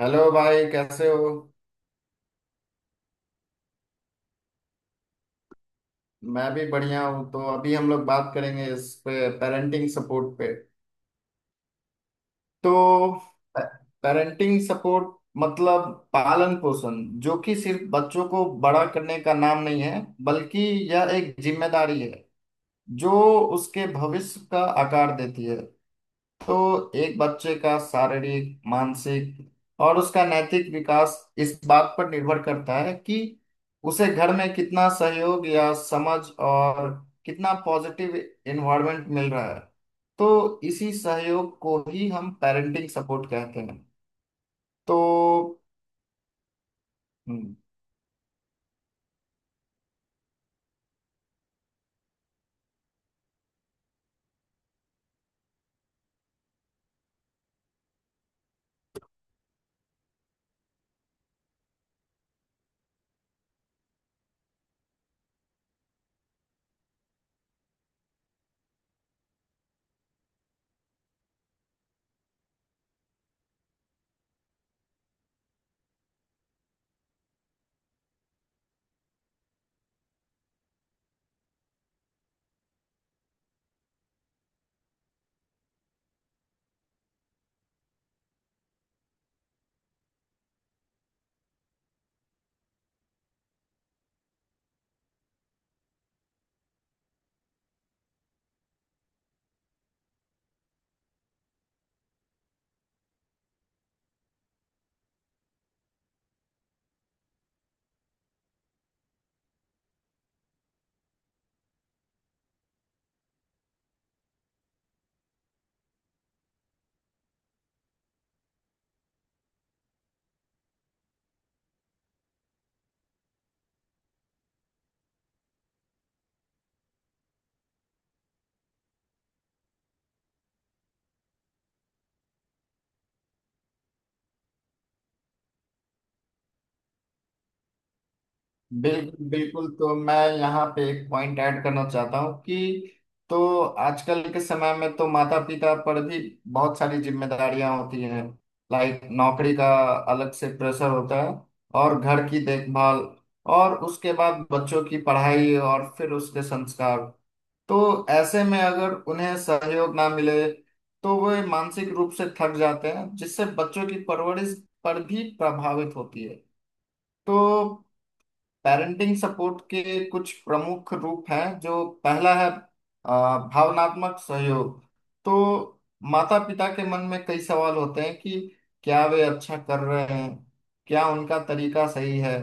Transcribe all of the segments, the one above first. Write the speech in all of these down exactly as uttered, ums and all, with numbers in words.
Hello भाई, कैसे हो। मैं भी बढ़िया हूँ। तो अभी हम लोग बात करेंगे इस पे पेरेंटिंग सपोर्ट पे। तो पेरेंटिंग सपोर्ट मतलब पालन पोषण, जो कि सिर्फ बच्चों को बड़ा करने का नाम नहीं है, बल्कि यह एक जिम्मेदारी है जो उसके भविष्य का आकार देती है। तो एक बच्चे का शारीरिक, मानसिक और उसका नैतिक विकास इस बात पर निर्भर करता है कि उसे घर में कितना सहयोग या समझ और कितना पॉजिटिव एनवायरनमेंट मिल रहा है। तो इसी सहयोग को ही हम पेरेंटिंग सपोर्ट कहते हैं। तो हम्म, बिल्कुल बिल्कुल। तो मैं यहाँ पे एक पॉइंट ऐड करना चाहता हूँ कि तो आजकल के समय में तो माता पिता पर भी बहुत सारी जिम्मेदारियां होती हैं। लाइक नौकरी का अलग से प्रेशर होता है, और घर की देखभाल, और उसके बाद बच्चों की पढ़ाई और फिर उसके संस्कार। तो ऐसे में अगर उन्हें सहयोग ना मिले तो वे मानसिक रूप से थक जाते हैं, जिससे बच्चों की परवरिश पर भी प्रभावित होती है। तो पेरेंटिंग सपोर्ट के कुछ प्रमुख रूप हैं। जो पहला है आ, भावनात्मक सहयोग। तो माता पिता के मन में कई सवाल होते हैं कि क्या वे अच्छा कर रहे हैं, क्या उनका तरीका सही है।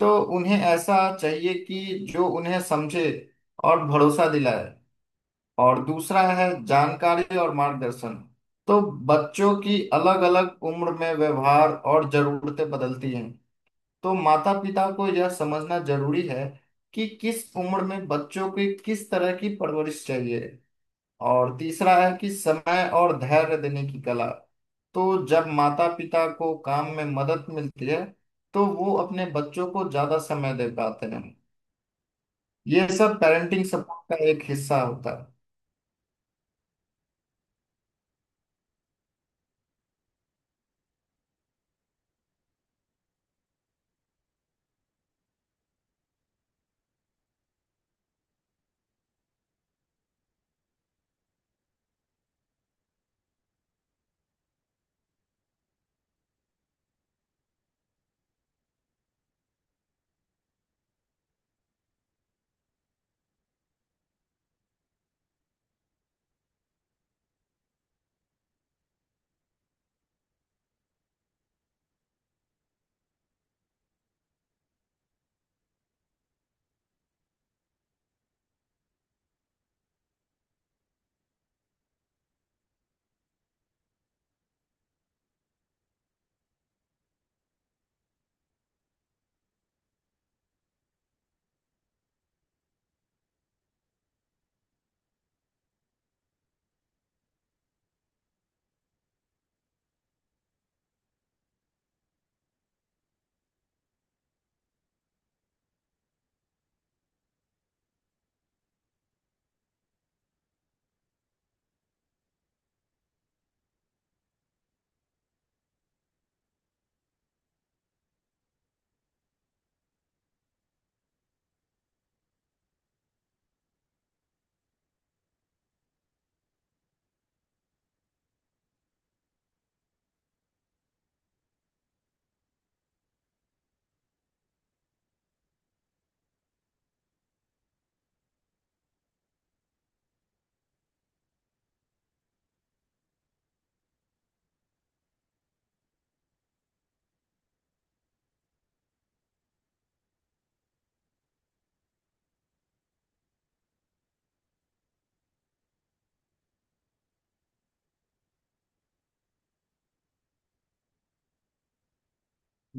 तो उन्हें ऐसा चाहिए कि जो उन्हें समझे और भरोसा दिलाए। और दूसरा है जानकारी और मार्गदर्शन। तो बच्चों की अलग अलग उम्र में व्यवहार और जरूरतें बदलती हैं। तो माता पिता को यह समझना जरूरी है कि किस उम्र में बच्चों की किस तरह की परवरिश चाहिए। और तीसरा है कि समय और धैर्य देने की कला। तो जब माता पिता को काम में मदद मिलती है तो वो अपने बच्चों को ज्यादा समय दे पाते हैं। ये सब पेरेंटिंग सपोर्ट का एक हिस्सा होता है।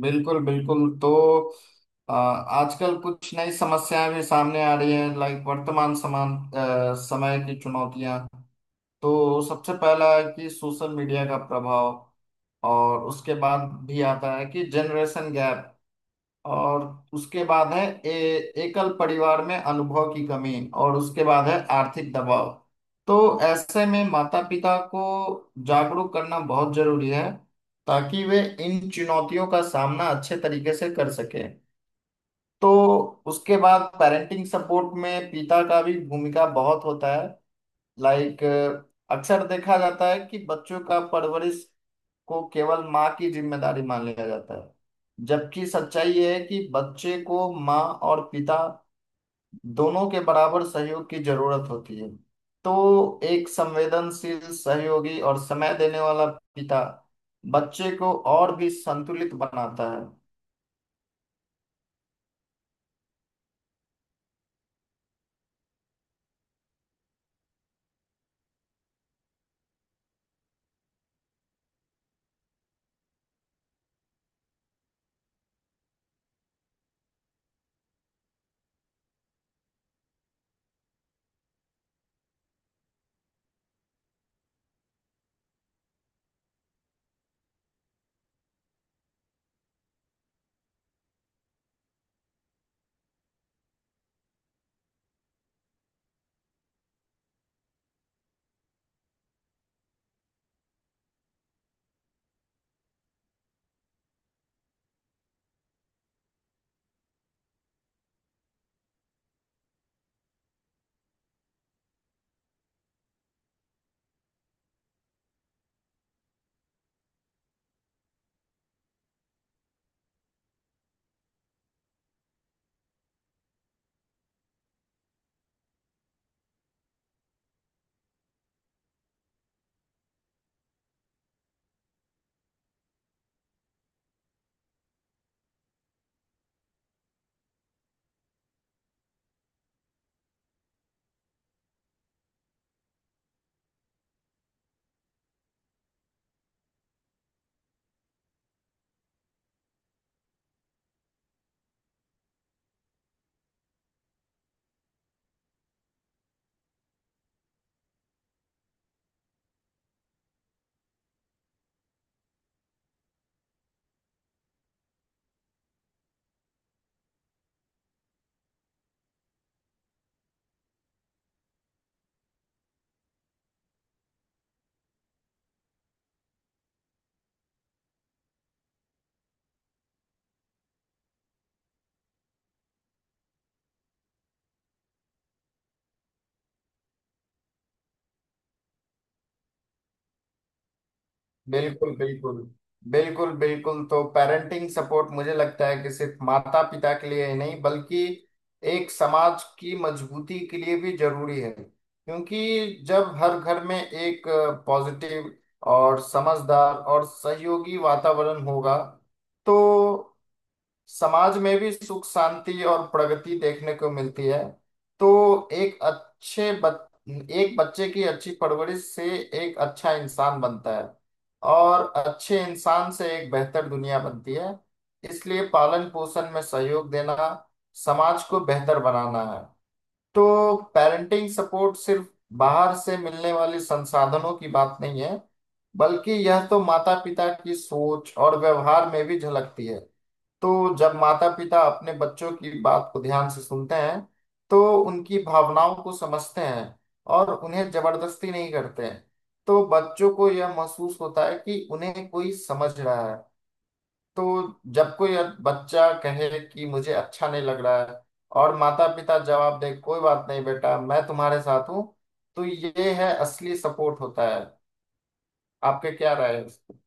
बिल्कुल बिल्कुल। तो आ, आजकल कुछ नई समस्याएं भी सामने आ रही हैं। लाइक वर्तमान समान आ, समय की चुनौतियां। तो सबसे पहला है कि सोशल मीडिया का प्रभाव। और उसके बाद भी आता है कि जनरेशन गैप। और उसके बाद है ए, एकल परिवार में अनुभव की कमी। और उसके बाद है आर्थिक दबाव। तो ऐसे में माता पिता को जागरूक करना बहुत जरूरी है, ताकि वे इन चुनौतियों का सामना अच्छे तरीके से कर सकें। तो उसके बाद पेरेंटिंग सपोर्ट में पिता का भी भूमिका बहुत होता है। लाइक अक्सर देखा जाता है कि बच्चों का परवरिश को केवल माँ की जिम्मेदारी मान लिया जाता है, जबकि सच्चाई यह है कि बच्चे को माँ और पिता दोनों के बराबर सहयोग की जरूरत होती है। तो एक संवेदनशील, सहयोगी और समय देने वाला पिता बच्चे को और भी संतुलित बनाता है। बिल्कुल बिल्कुल। बिल्कुल बिल्कुल तो पेरेंटिंग सपोर्ट मुझे लगता है कि सिर्फ माता पिता के लिए ही नहीं, बल्कि एक समाज की मजबूती के लिए भी जरूरी है। क्योंकि जब हर घर में एक पॉजिटिव और समझदार और सहयोगी वातावरण होगा, तो समाज में भी सुख शांति और प्रगति देखने को मिलती है। तो एक अच्छे बच, एक बच्चे की अच्छी परवरिश से एक अच्छा इंसान बनता है, और अच्छे इंसान से एक बेहतर दुनिया बनती है। इसलिए पालन पोषण में सहयोग देना समाज को बेहतर बनाना है। तो पेरेंटिंग सपोर्ट सिर्फ बाहर से मिलने वाले संसाधनों की बात नहीं है, बल्कि यह तो माता पिता की सोच और व्यवहार में भी झलकती है। तो जब माता पिता अपने बच्चों की बात को ध्यान से सुनते हैं, तो उनकी भावनाओं को समझते हैं और उन्हें जबरदस्ती नहीं करते हैं, तो बच्चों को यह महसूस होता है कि उन्हें कोई समझ रहा है। तो जब कोई बच्चा कहे कि मुझे अच्छा नहीं लग रहा है और माता पिता जवाब दे कोई बात नहीं बेटा मैं तुम्हारे साथ हूँ, तो ये है असली सपोर्ट होता है। आपके क्या राय है।